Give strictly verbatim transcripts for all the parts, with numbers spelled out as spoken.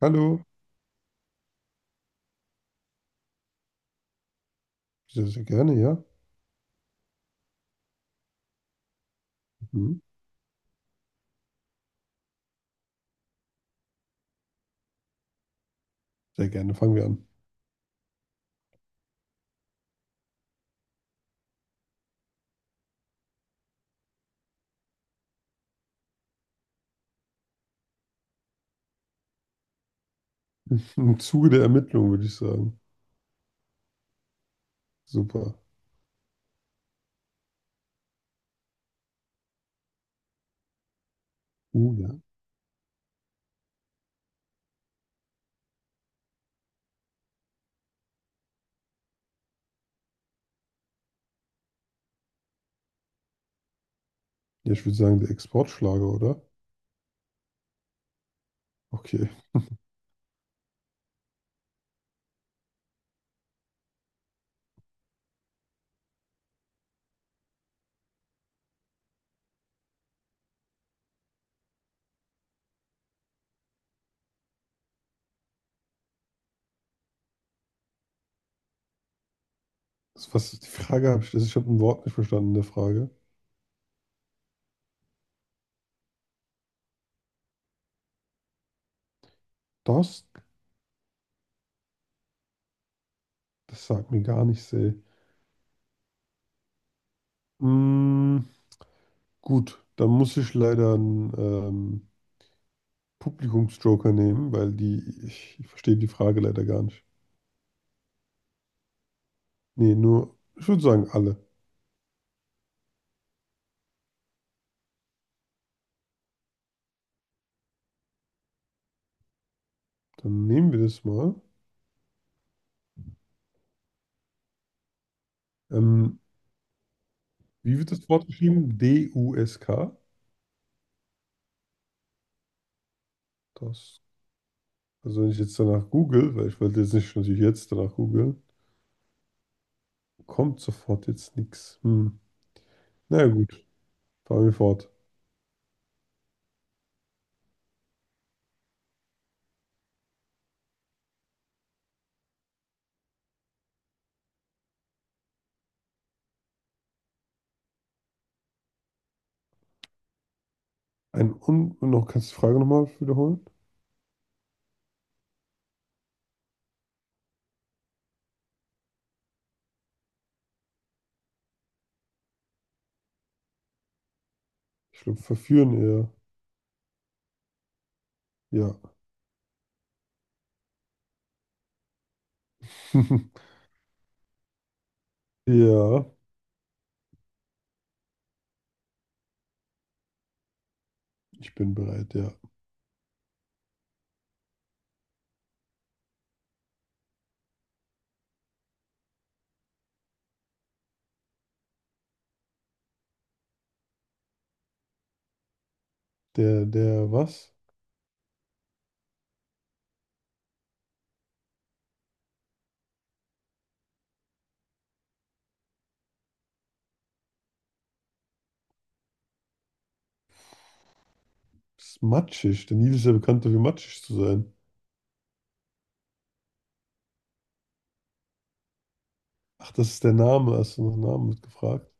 Hallo, sehr, sehr gerne, ja. Mhm. Sehr gerne, fangen wir an. Im Zuge der Ermittlungen würde ich sagen. Super. Uh, ja. Ja, ich würde sagen, der Exportschlager, oder? Okay. Das, was ist die Frage habe ich, das, ich habe ein Wort nicht verstanden in der Frage. Das, das sagt mir gar nichts, ey. Mm, gut, dann muss ich leider einen ähm, Publikumsjoker nehmen, weil die, ich, ich verstehe die Frage leider gar nicht. Nee, nur, ich würde sagen, alle. Dann nehmen wir das mal. Ähm, Wie wird das Wort geschrieben? D U S K. Das, also wenn ich jetzt danach google, weil ich wollte jetzt nicht natürlich jetzt danach googeln, kommt sofort jetzt nichts. Hm. Na ja, gut, fahren wir fort. Ein Un und noch, Kannst du die Frage nochmal wiederholen? Ich glaube, verführen eher. Ja. Ja, ich bin bereit, ja. Der, der, was? Ist matschig. Der Nil ist ja bekannt dafür, matschig zu sein. Ach, das ist der Name. Hast du nach Namen wird gefragt?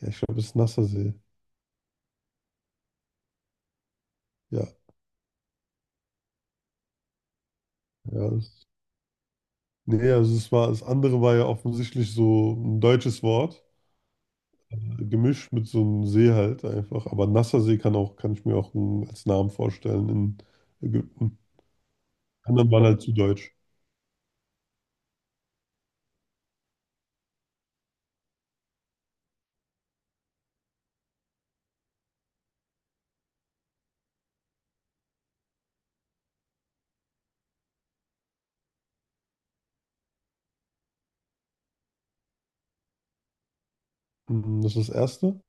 Ja, ich glaube, das ist Nassersee. Ja, ja, das Nee, also es war, das andere war ja offensichtlich so ein deutsches Wort, äh, gemischt mit so einem See halt einfach. Aber Nassersee kann auch, kann ich mir auch ein, als Namen vorstellen in Ägypten. Anderen waren halt zu deutsch. Mhm. Das ist das erste.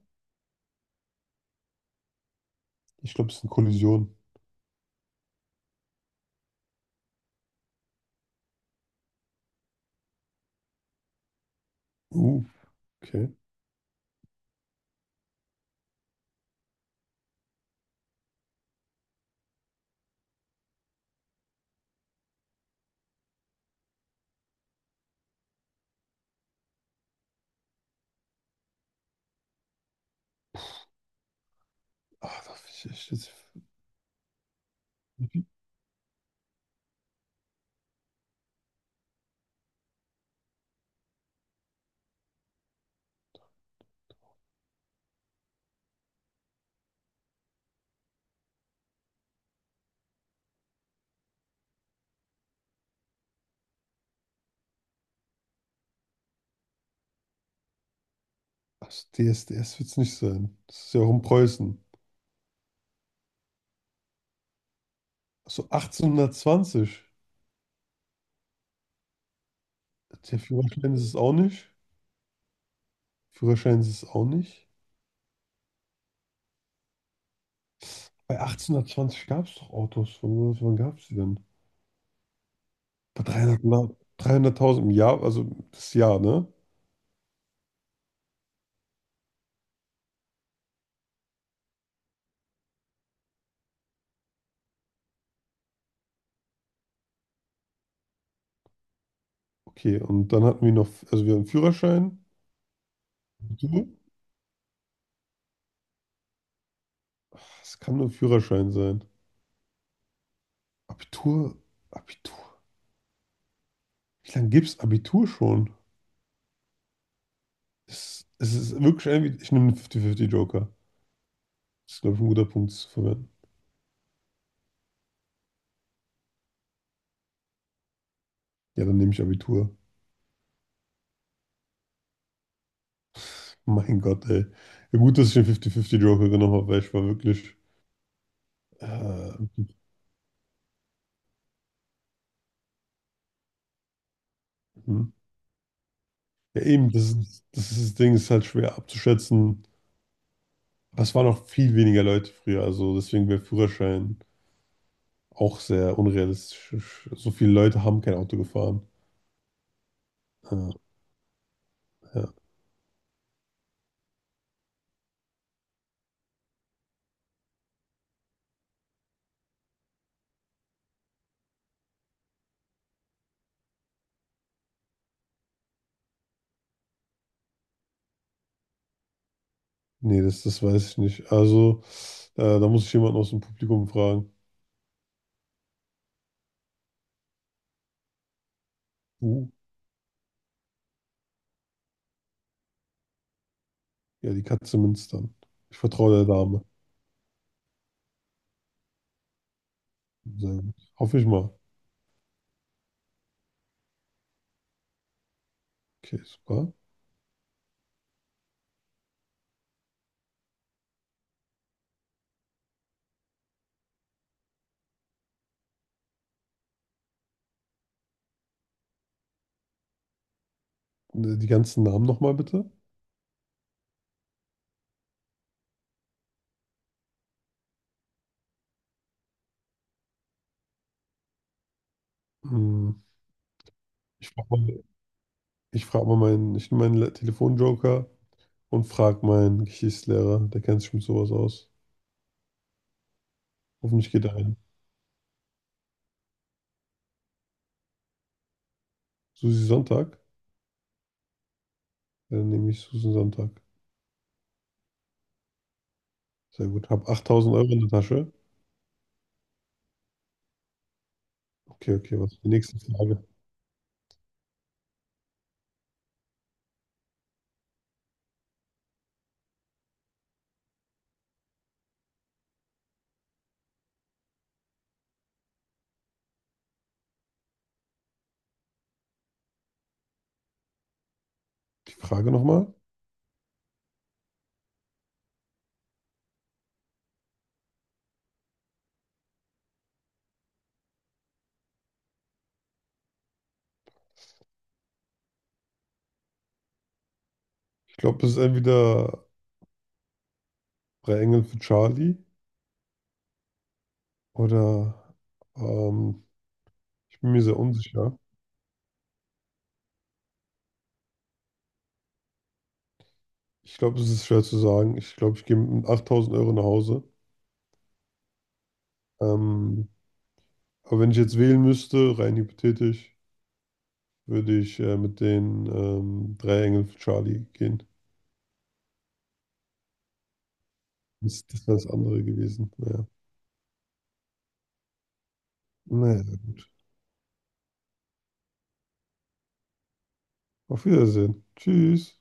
Ich glaube, es ist eine Kollision. Uh, okay. Ah, da ich echt jetzt. Ach, D S D S wird es nicht sein. Das ist ja auch in Preußen. Achso, achtzehnhundertzwanzig. Der Führerschein ist es auch nicht. Führerschein ist es auch nicht. Bei achtzehnhundertzwanzig gab es doch Autos. Wann, wann gab es die denn? Bei dreihundert La- dreihunderttausend im Jahr, also das Jahr, ne? Okay, und dann hatten wir noch, also wir haben Führerschein, Abitur. Ach, es kann nur Führerschein sein. Abitur, Abitur. Wie lange gibt's Abitur schon? Es, es ist wirklich irgendwie, ich nehme einen fünfzig fünfzig Joker. Das ist, glaube ich, ein guter Punkt zu verwenden. Ja, dann nehme ich Abitur. Mein Gott, ey. Ja, gut, dass ich den fünfzig fünfzig Joker genommen habe, weil ich war wirklich. Äh, hm. Ja, eben, das ist, das ist das Ding, ist halt schwer abzuschätzen. Aber es waren auch viel weniger Leute früher, also deswegen wäre Führerschein auch sehr unrealistisch. So viele Leute haben kein Auto gefahren. Ja, ja. Nee, das, das weiß ich nicht. Also, äh, da muss ich jemanden aus dem Publikum fragen. Uh, ja, die Katze Münstern. Ich vertraue der Dame. Sehr gut. Hoffe ich mal. Okay, super. Äh, Die ganzen Namen nochmal bitte. Hm, Ich frage mal, ich frag mal meinen, ich nehme meinen Le- Telefonjoker und frage meinen Geschichtslehrer. Der kennt sich mit sowas aus. Hoffentlich geht er ein. Susi Sonntag. Dann nehme ich Susan Sonntag. Sehr gut. Hab achttausend Euro in der Tasche. Okay, okay, was ist die nächste Frage? Die Frage nochmal. Ich glaube, es ist entweder Drei Engel für Charlie oder ähm, ich bin mir sehr unsicher. Ich glaube, es ist schwer zu sagen. Ich glaube, ich gehe mit achttausend Euro nach Hause. Ähm, aber wenn ich jetzt wählen müsste, rein hypothetisch, würde ich äh, mit den ähm, Drei Engel für Charlie gehen. Das, das wäre das andere gewesen. Naja. Naja. Auf Wiedersehen. Tschüss.